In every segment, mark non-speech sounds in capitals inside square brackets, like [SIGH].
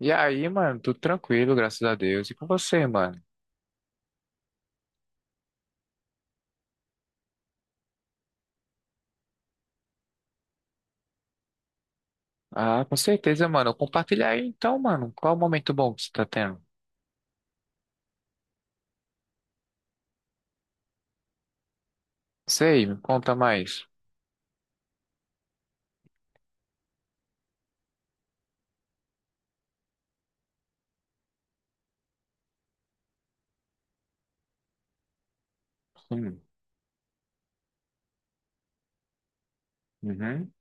E aí, mano, tudo tranquilo, graças a Deus. E com você, mano? Ah, com certeza, mano. Compartilha aí então, mano. Qual o momento bom que você tá tendo? Sei, me conta mais. Hum, uhum,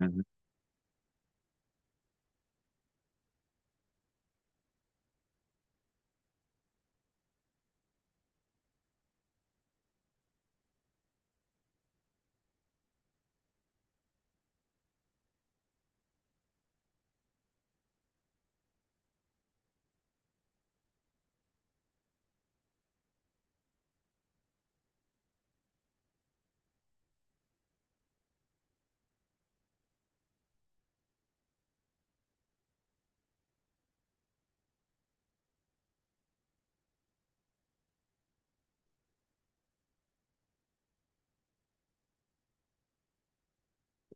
uhum.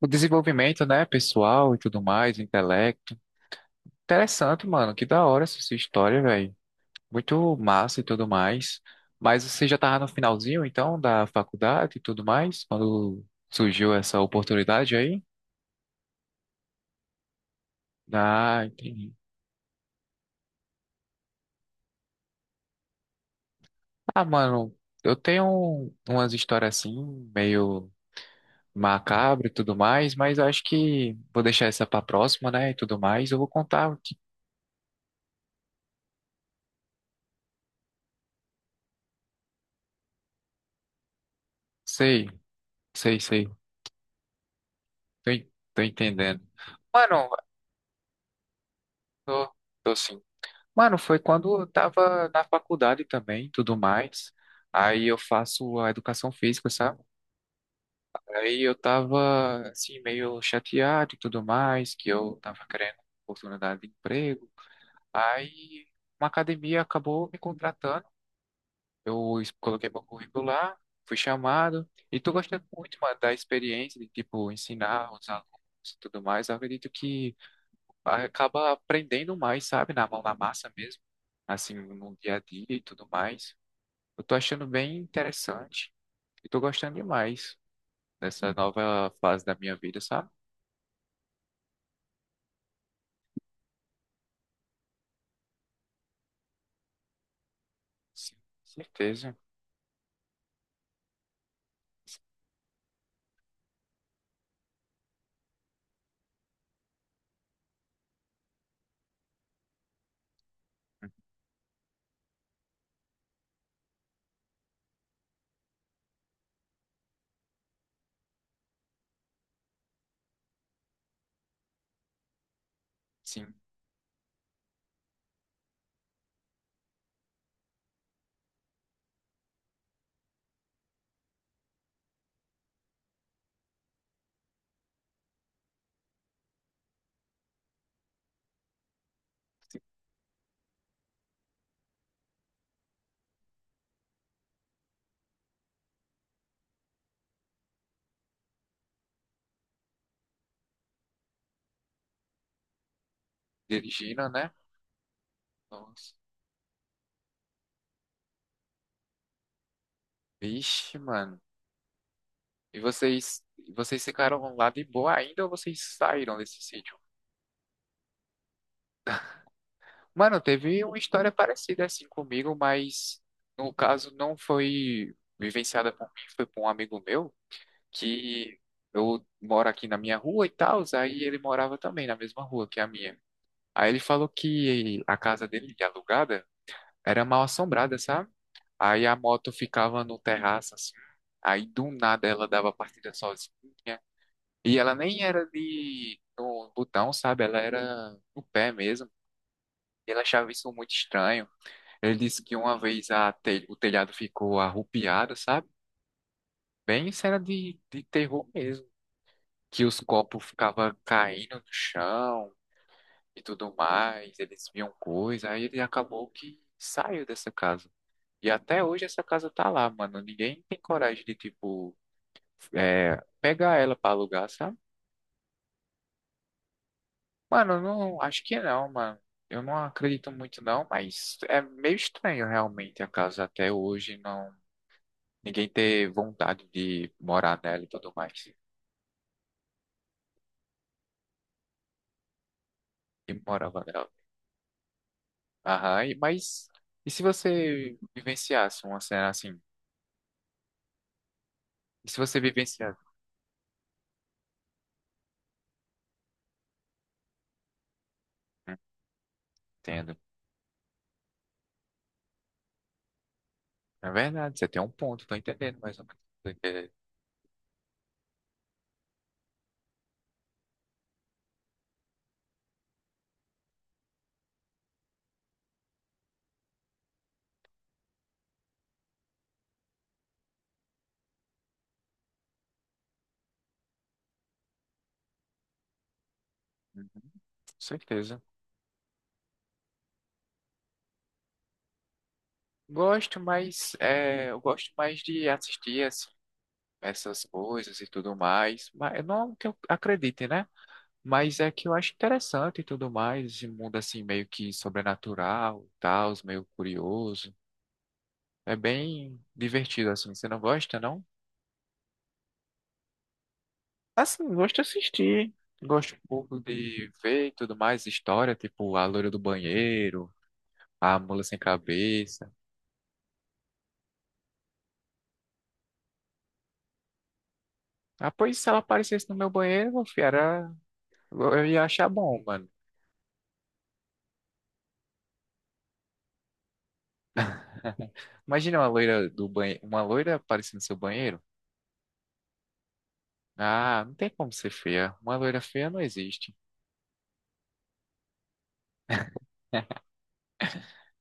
O desenvolvimento, né, pessoal e tudo mais, intelecto. Interessante, mano. Que da hora essa sua história, velho. Muito massa e tudo mais. Mas você já tava no finalzinho, então, da faculdade e tudo mais, quando surgiu essa oportunidade aí? Ah, entendi. Ah, mano, eu tenho umas histórias assim, meio macabra e tudo mais, mas eu acho que vou deixar essa pra próxima, né? E tudo mais. Eu vou contar o que. Sei, sei, sei. Tô entendendo. Mano, tô, tô sim. Mano, foi quando eu tava na faculdade também, tudo mais. Aí eu faço a educação física, sabe? Aí eu tava assim, meio chateado e tudo mais, que eu tava querendo oportunidade de emprego. Aí uma academia acabou me contratando. Coloquei meu currículo lá, fui chamado e tô gostando muito, mano, da experiência de tipo ensinar os alunos e tudo mais. Eu acredito que acaba aprendendo mais, sabe, na mão na massa mesmo, assim, no dia a dia e tudo mais. Eu tô achando bem interessante e tô gostando demais dessa nova fase da minha vida, sabe? Sim, certeza. Sim, dirigindo, né? Nossa. Vixe, mano. E vocês, vocês ficaram lá de boa ainda ou vocês saíram desse sítio? Mano, teve uma história parecida assim comigo, mas no caso não foi vivenciada por mim, foi por um amigo meu que eu moro aqui na minha rua e tal, aí ele morava também na mesma rua que a minha. Aí ele falou que a casa dele, alugada, era mal assombrada, sabe? Aí a moto ficava no terraço assim, aí do nada ela dava partida sozinha. E ela nem era de no botão, sabe? Ela era no pé mesmo. E ela achava isso muito estranho. Ele disse que uma vez a o telhado ficou arrupiado, sabe? Bem cena de terror mesmo. Que os copos ficavam caindo no chão e tudo mais. Eles viam coisa. Aí ele acabou que saiu dessa casa. E até hoje essa casa tá lá, mano. Ninguém tem coragem de, tipo, é, pegar ela pra alugar, sabe? Mano, eu não, acho que não, mano. Eu não acredito muito não, mas é meio estranho realmente a casa até hoje não ninguém ter vontade de morar nela e tudo mais. E morava nela. Aham, e, mas e se você vivenciasse uma cena assim? E se você vivenciasse? Hum. Entendo. É verdade, você tem um ponto, tô entendendo mais ou menos. Tô entendendo. Uhum, com certeza. Gosto, mas é, eu gosto mais de assistir essas coisas e tudo mais. Mas não que eu acredite, né? Mas é que eu acho interessante e tudo mais, esse mundo assim meio que sobrenatural, e tal, meio curioso. É bem divertido assim. Você não gosta, não? Assim, gosto de assistir. Gosto um pouco de ver e tudo mais, história, tipo a loira do banheiro, a mula sem cabeça. Ah, pois se ela aparecesse no meu banheiro, meu filho, era... eu ia achar bom, mano. Imagina uma loira do banheiro, uma loira aparecendo no seu banheiro. Ah, não tem como ser feia. Uma loira feia não existe. [LAUGHS] É.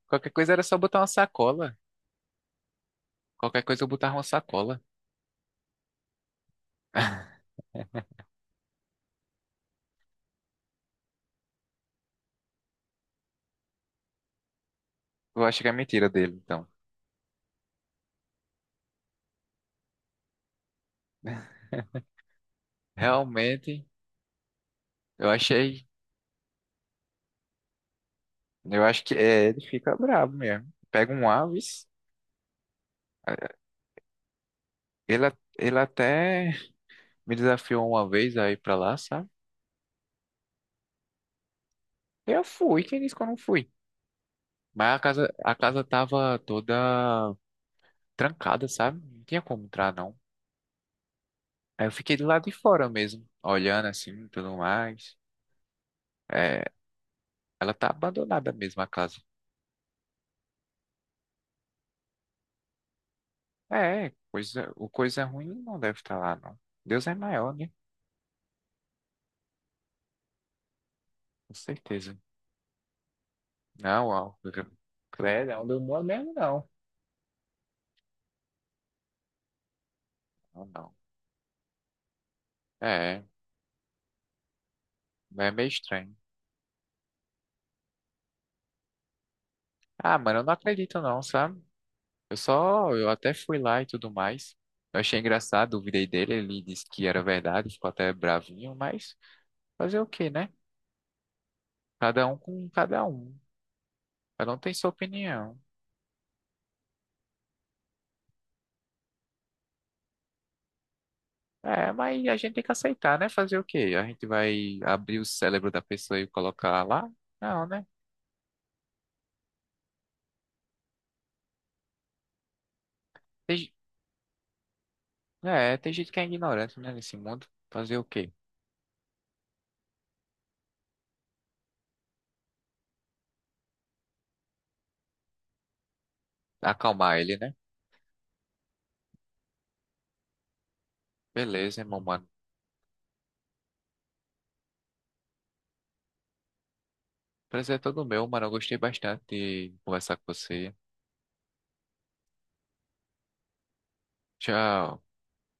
Qualquer coisa era só botar uma sacola. Qualquer coisa eu botava uma sacola. Eu acho que é mentira dele, então. [LAUGHS] Realmente, eu achei. Eu acho que é, ele fica bravo mesmo. Pega um Aves. Ele, Ele até me desafiou uma vez a ir pra lá, sabe? Eu fui, quem disse que eu não fui? Mas a casa tava toda trancada, sabe? Não tinha como entrar, não. Aí eu fiquei do lado de fora mesmo, olhando assim, tudo mais. É, ela tá abandonada mesmo, a casa. É, coisa, o coisa ruim não deve estar lá, não. Deus é maior, né? Com certeza. Não, ó. Credo, onde eu moro mesmo, não. Não, não. É, é meio estranho. Ah, mano, eu não acredito não, sabe? Eu só, eu até fui lá e tudo mais. Eu achei engraçado, duvidei dele, ele disse que era verdade, ficou até bravinho, mas fazer o quê, né? Cada um com cada um. Cada um tem sua opinião. É, mas a gente tem que aceitar, né? Fazer o quê? A gente vai abrir o cérebro da pessoa e colocar lá? Não, né? Tem, ge- É, tem gente que é ignorante, né, nesse mundo. Fazer o quê? Acalmar ele, né? Beleza, irmão, mano. Prazer é todo meu, mano. Eu gostei bastante de conversar com você. Tchau.